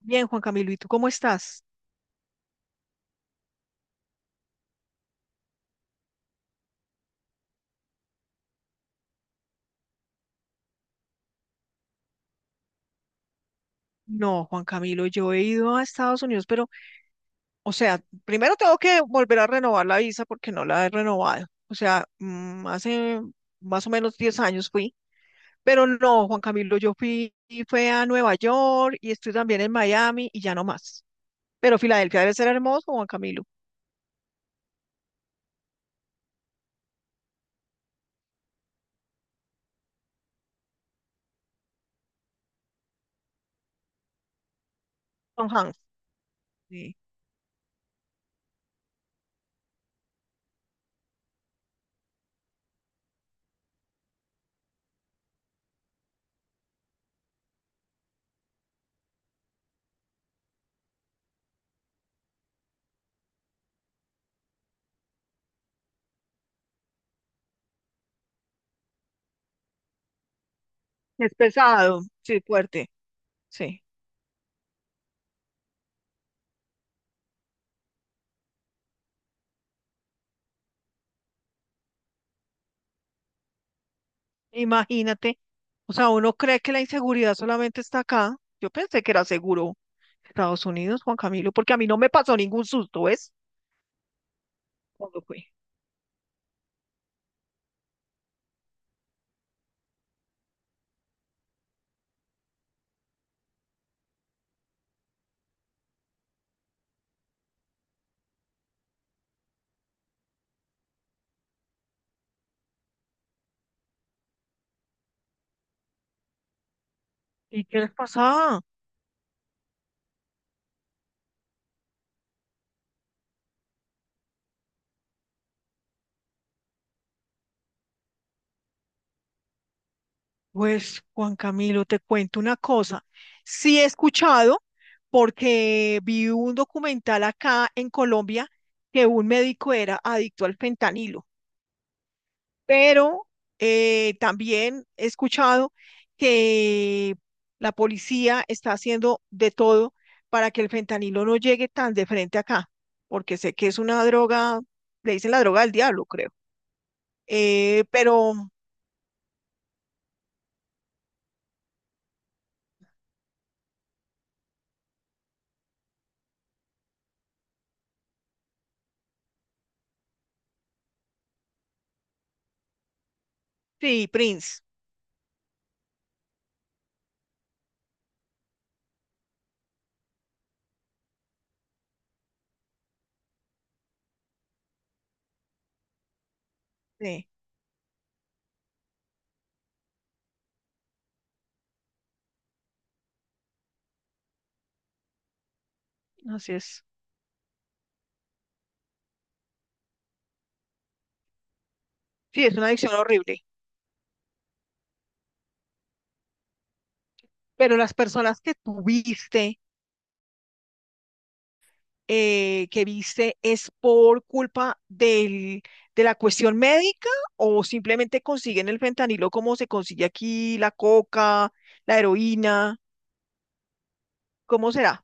Bien, Juan Camilo, ¿y tú cómo estás? No, Juan Camilo, yo he ido a Estados Unidos, pero, o sea, primero tengo que volver a renovar la visa porque no la he renovado. O sea, hace más o menos 10 años fui, pero no, Juan Camilo, yo fui, y fue a Nueva York y estoy también en Miami y ya no más. Pero Filadelfia debe ser hermoso, Juan Camilo. Ajá, sí. Es pesado, sí, fuerte, sí. Imagínate, o sea, uno cree que la inseguridad solamente está acá. Yo pensé que era seguro Estados Unidos, Juan Camilo, porque a mí no me pasó ningún susto, ¿ves? Cuando fui. ¿Y qué les pasaba? Pues, Juan Camilo, te cuento una cosa. Sí he escuchado, porque vi un documental acá en Colombia que un médico era adicto al fentanilo. Pero también he escuchado que la policía está haciendo de todo para que el fentanilo no llegue tan de frente acá, porque sé que es una droga, le dicen la droga del diablo, creo. Pero sí, Prince, sí, así es. Sí, es una adicción horrible. ¿Pero las personas que tuviste que viste es por culpa del, de la cuestión médica o simplemente consiguen el fentanilo como se consigue aquí, la coca, la heroína? ¿Cómo será?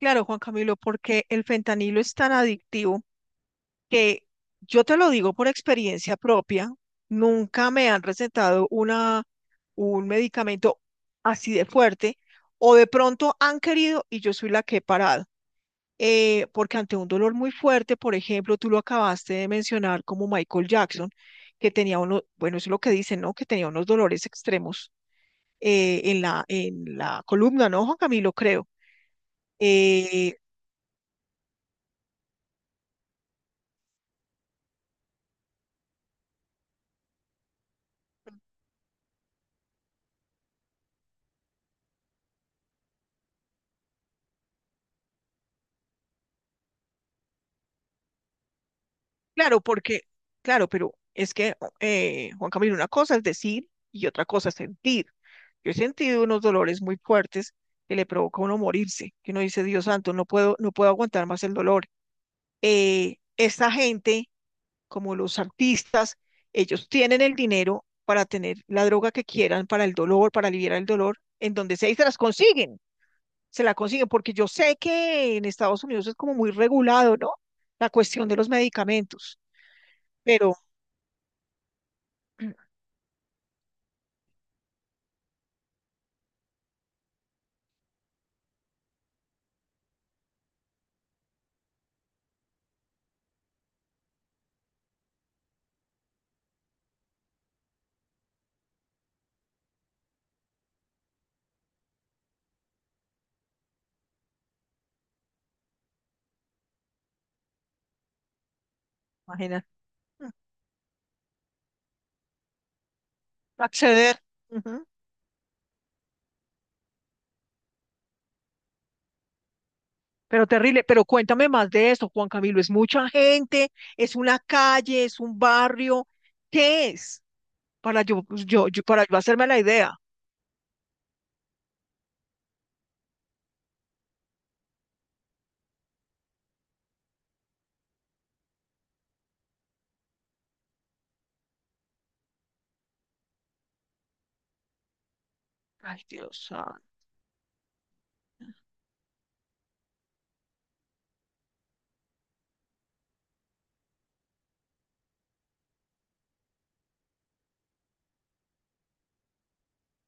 Claro, Juan Camilo, porque el fentanilo es tan adictivo que yo te lo digo por experiencia propia, nunca me han recetado una, un medicamento así de fuerte o de pronto han querido y yo soy la que he parado. Porque ante un dolor muy fuerte, por ejemplo, tú lo acabaste de mencionar como Michael Jackson, que tenía unos, bueno, eso es lo que dicen, ¿no? Que tenía unos dolores extremos en la columna, ¿no, Juan Camilo? Creo. Eh, claro, porque, claro, pero es que, Juan Camilo, una cosa es decir y otra cosa es sentir. Yo he sentido unos dolores muy fuertes que le provoca a uno morirse, que uno dice, Dios santo, no puedo, no puedo aguantar más el dolor. Esta gente como los artistas, ellos tienen el dinero para tener la droga que quieran, para el dolor, para aliviar el dolor, en donde sea y se las consiguen, se la consiguen, porque yo sé que en Estados Unidos es como muy regulado, ¿no? La cuestión de los medicamentos, pero imagina, mm, acceder. Ujú. Pero terrible, pero cuéntame más de eso, Juan Camilo. ¿Es mucha gente? ¿Es una calle? ¿Es un barrio? ¿Qué es? Para para yo hacerme la idea. Ay, Dios.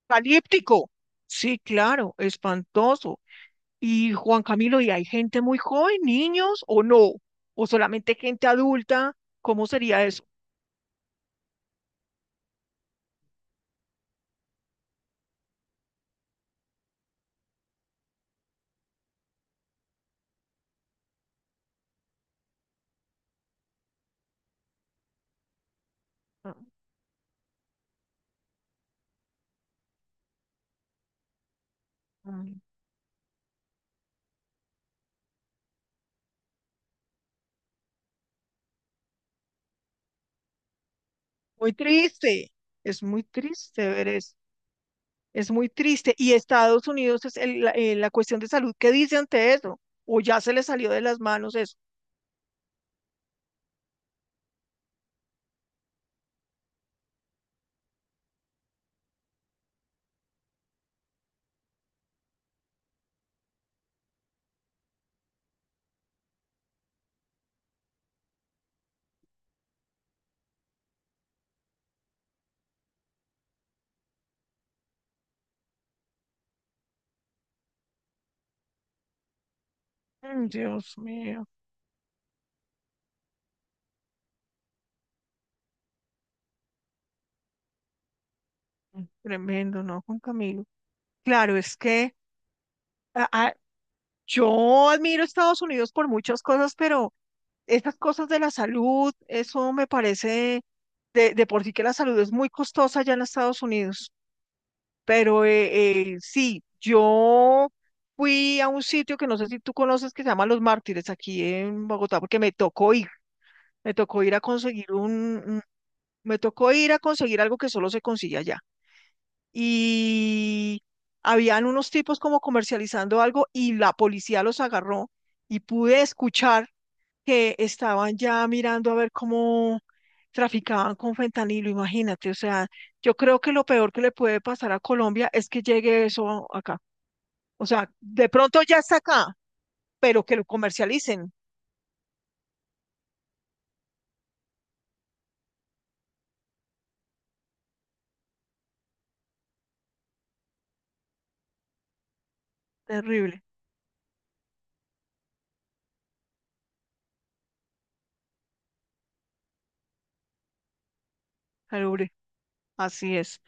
Apocalíptico. Sí, claro, espantoso. Y Juan Camilo, ¿y hay gente muy joven, niños o no? ¿O solamente gente adulta? ¿Cómo sería eso? Ah, ah. Muy triste, es muy triste ver eso, es muy triste. ¿Y Estados Unidos es la cuestión de salud? ¿Qué dice ante eso? ¿O ya se le salió de las manos eso? Dios mío. Tremendo, ¿no, Juan Camilo? Claro, es que ah, ah, yo admiro a Estados Unidos por muchas cosas, pero... Estas cosas de la salud, eso me parece, de por sí que la salud es muy costosa allá en Estados Unidos, pero sí, yo fui a un sitio que no sé si tú conoces que se llama Los Mártires aquí en Bogotá, porque me tocó ir a conseguir un- me tocó ir a conseguir algo que solo se consigue allá. Y habían unos tipos como comercializando algo y la policía los agarró y pude escuchar que estaban ya mirando a ver cómo traficaban con fentanilo, imagínate, o sea, yo creo que lo peor que le puede pasar a Colombia es que llegue eso acá. O sea, de pronto ya está acá, pero que lo comercialicen. Terrible, terrible, así es.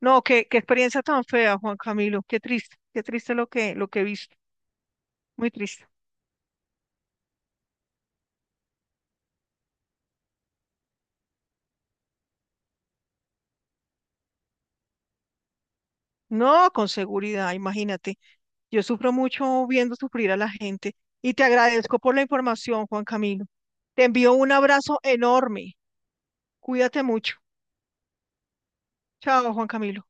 No, qué experiencia tan fea, Juan Camilo, qué triste lo que he visto, muy triste. No, con seguridad, imagínate. Yo sufro mucho viendo sufrir a la gente y te agradezco por la información, Juan Camilo. Te envío un abrazo enorme. Cuídate mucho. Chao, Juan Camilo.